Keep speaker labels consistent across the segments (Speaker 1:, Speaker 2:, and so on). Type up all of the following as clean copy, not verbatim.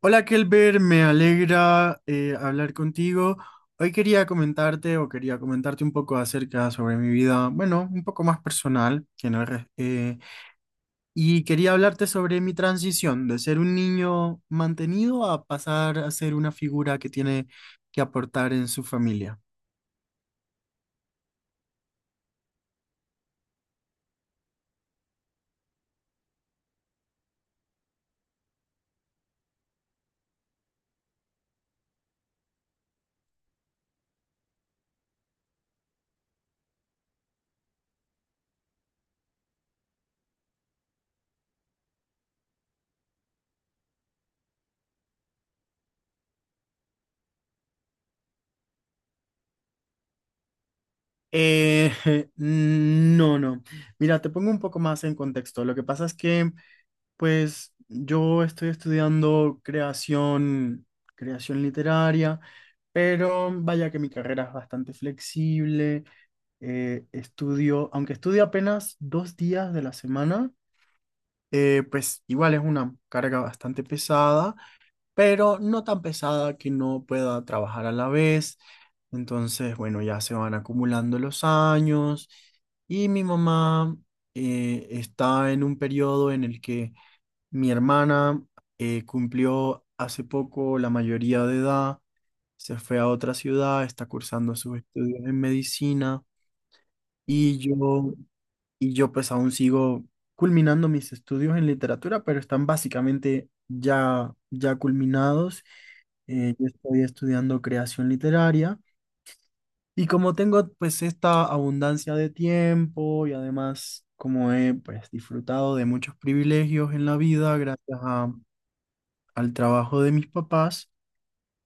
Speaker 1: Hola Kelber, me alegra hablar contigo. Hoy quería comentarte un poco acerca sobre mi vida, bueno, un poco más personal, que no es res- y quería hablarte sobre mi transición de ser un niño mantenido a pasar a ser una figura que tiene que aportar en su familia. Eh, no, no. Mira, te pongo un poco más en contexto. Lo que pasa es que, pues, yo estoy estudiando creación, creación literaria, pero vaya que mi carrera es bastante flexible. Aunque estudio apenas dos días de la semana, pues igual es una carga bastante pesada pero no tan pesada que no pueda trabajar a la vez. Entonces, bueno, ya se van acumulando los años y mi mamá está en un periodo en el que mi hermana cumplió hace poco la mayoría de edad, se fue a otra ciudad, está cursando sus estudios en medicina y yo pues aún sigo culminando mis estudios en literatura, pero están básicamente ya culminados. Yo estoy estudiando creación literaria y como tengo pues esta abundancia de tiempo y además como he pues disfrutado de muchos privilegios en la vida gracias a- al trabajo de mis papás,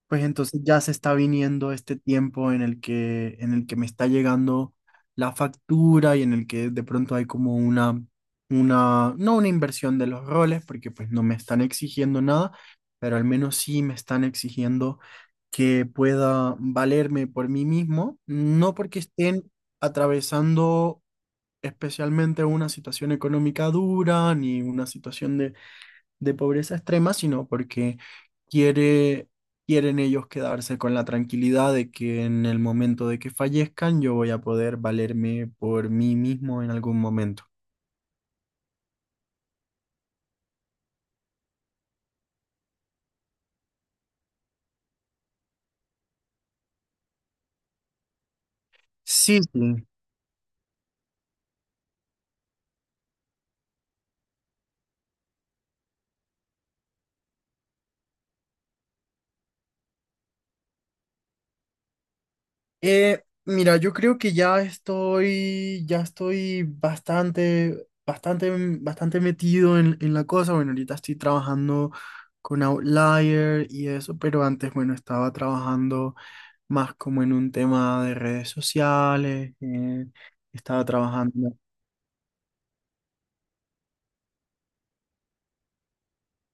Speaker 1: pues entonces ya se está viniendo este tiempo en el que me está llegando la factura y en el que de pronto hay como una, no una inversión de los roles, porque pues no me están exigiendo nada, pero al menos sí me están exigiendo que pueda valerme por mí mismo, no porque estén atravesando especialmente una situación económica dura ni una situación de pobreza extrema, sino porque quiere, quieren ellos quedarse con la tranquilidad de que en el momento de que fallezcan yo voy a poder valerme por mí mismo en algún momento. Sí, sí. Mira, yo creo que ya estoy bastante, bastante, bastante metido en la cosa. Bueno, ahorita estoy trabajando con Outlier y eso, pero antes, bueno, estaba trabajando más como en un tema de redes sociales, estaba trabajando.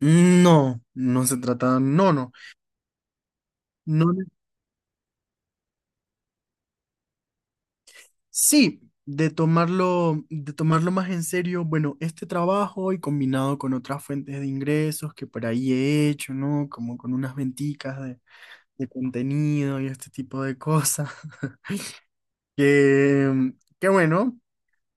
Speaker 1: No, no se trata, no, no, no, ne- sí, de tomarlo más en serio, bueno, este trabajo y combinado con otras fuentes de ingresos que por ahí he hecho, ¿no? Como con unas venticas de contenido y este tipo de cosas, que, que bueno.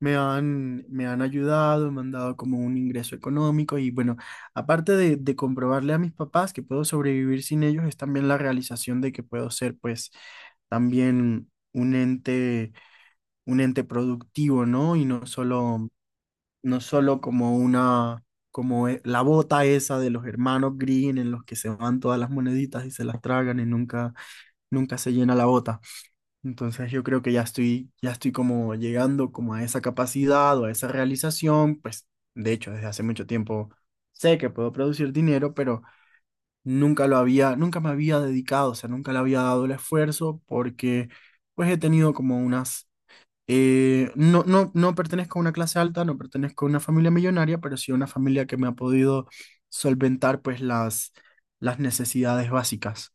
Speaker 1: Me han ayudado, me han dado como un ingreso económico y bueno, aparte de comprobarle a mis papás que puedo sobrevivir sin ellos, es también la realización de que puedo ser pues también un ente productivo, ¿no? Y no solo, no solo como una, como e- la bota esa de los hermanos Green en los que se van todas las moneditas y se las tragan y nunca, nunca se llena la bota. Entonces yo creo que ya estoy como llegando como a esa capacidad o a esa realización, pues de hecho desde hace mucho tiempo sé que puedo producir dinero, pero nunca me había dedicado, o sea, nunca le había dado el esfuerzo porque pues he tenido como unas, no pertenezco a una clase alta, no pertenezco a una familia millonaria, pero sí a una familia que me ha podido solventar pues las necesidades básicas.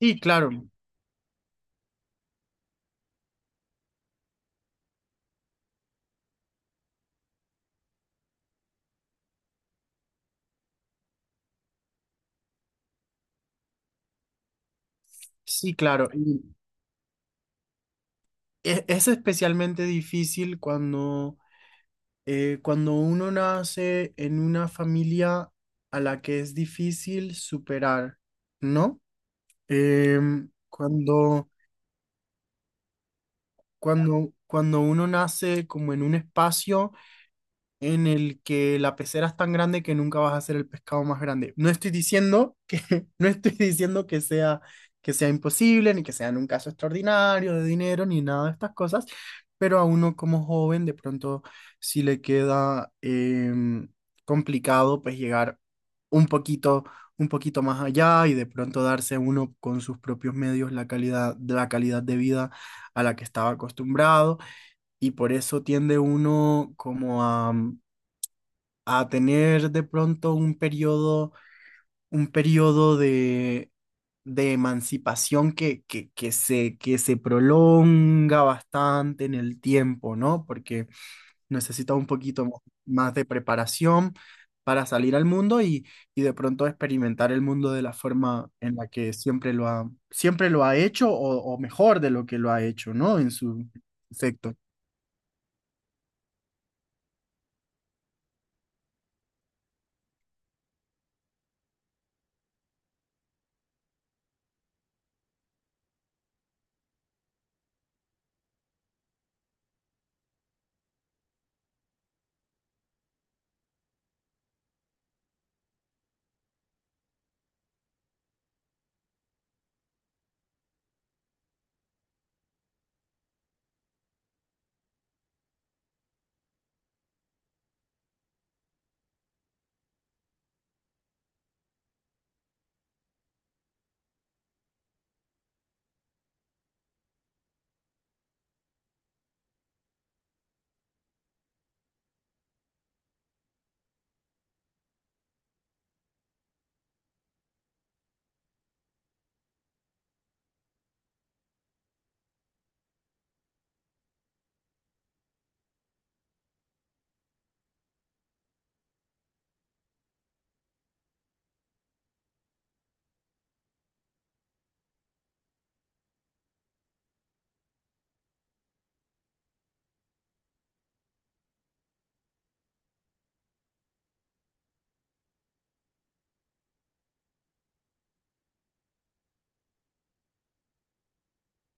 Speaker 1: Y claro, sí, claro. Es especialmente difícil cuando uno nace en una familia a la que es difícil superar, ¿no? Em, cuando, cuando uno nace como en un espacio en el que la pecera es tan grande que nunca vas a ser el pescado más grande. No estoy diciendo que sea imposible, ni que sea en un caso extraordinario de dinero, ni nada de estas cosas, pero a uno como joven, de pronto, si le queda complicado, pues llegar un poquito, un poquito más allá y de pronto darse uno con sus propios medios la calidad de vida a la que estaba acostumbrado y por eso tiende uno como a tener de pronto un periodo de emancipación que se prolonga bastante en el tiempo, ¿no? Porque necesita un poquito mo- más de preparación para salir al mundo y de pronto experimentar el mundo de la forma en la que siempre lo ha hecho o mejor de lo que lo ha hecho, ¿no? En su efecto.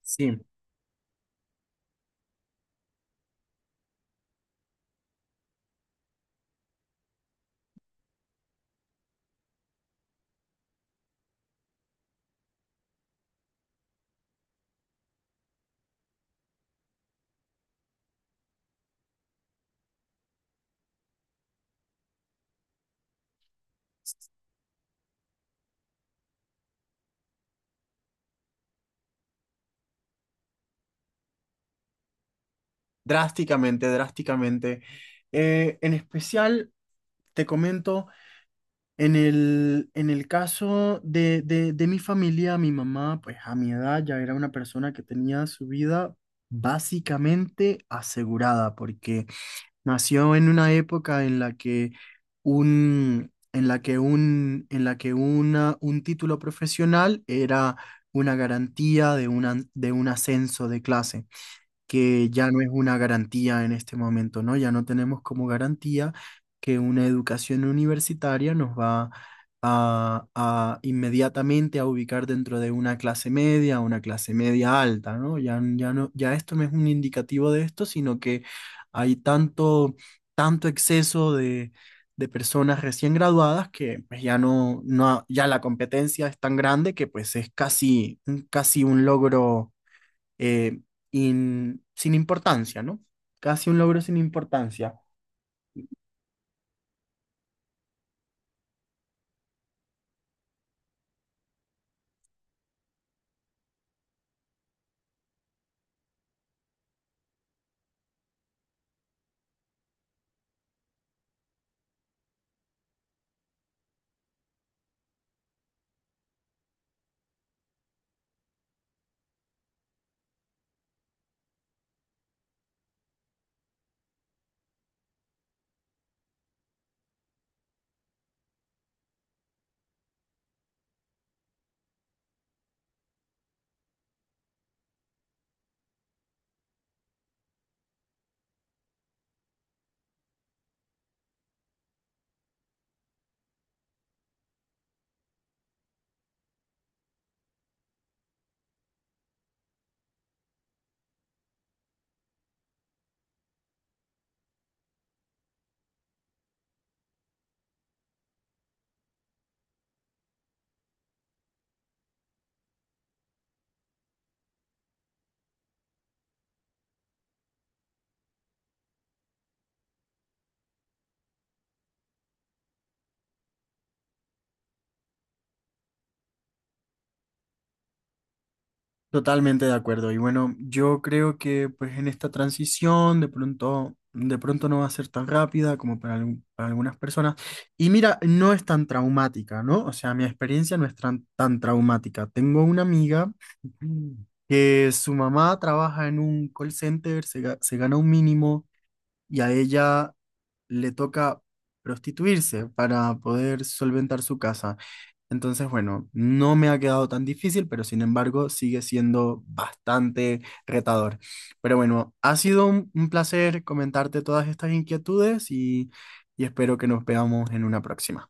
Speaker 1: Sí, drásticamente, drásticamente. En especial, te comento... en el caso de mi familia, mi mamá, pues a mi edad ya era una persona que tenía su vida básicamente asegurada, porque nació en una época en la que un, en la que un, en la que una, un título profesional era una garantía de una, de un ascenso de clase que ya no es una garantía en este momento, ¿no? Ya no tenemos como garantía que una educación universitaria nos va a inmediatamente a ubicar dentro de una clase media alta, ¿no? Ya no, ya esto no es un indicativo de esto, sino que hay tanto, tanto exceso de personas recién graduadas que pues, ya no, no, ya la competencia es tan grande que pues es casi, casi un logro eh, sin importancia, ¿no? Casi un logro sin importancia. Totalmente de acuerdo. Y bueno, yo creo que pues en esta transición de pronto no va a ser tan rápida como para algunas personas. Y mira, no es tan traumática, ¿no? O sea, mi experiencia no es tan, tan traumática. Tengo una amiga que su mamá trabaja en un call center, se gana un mínimo. Y a ella le toca prostituirse para poder solventar su casa. Entonces, bueno, no me ha quedado tan difícil, pero sin embargo sigue siendo bastante retador. Pero bueno, ha sido un placer comentarte todas estas inquietudes y espero que nos veamos en una próxima.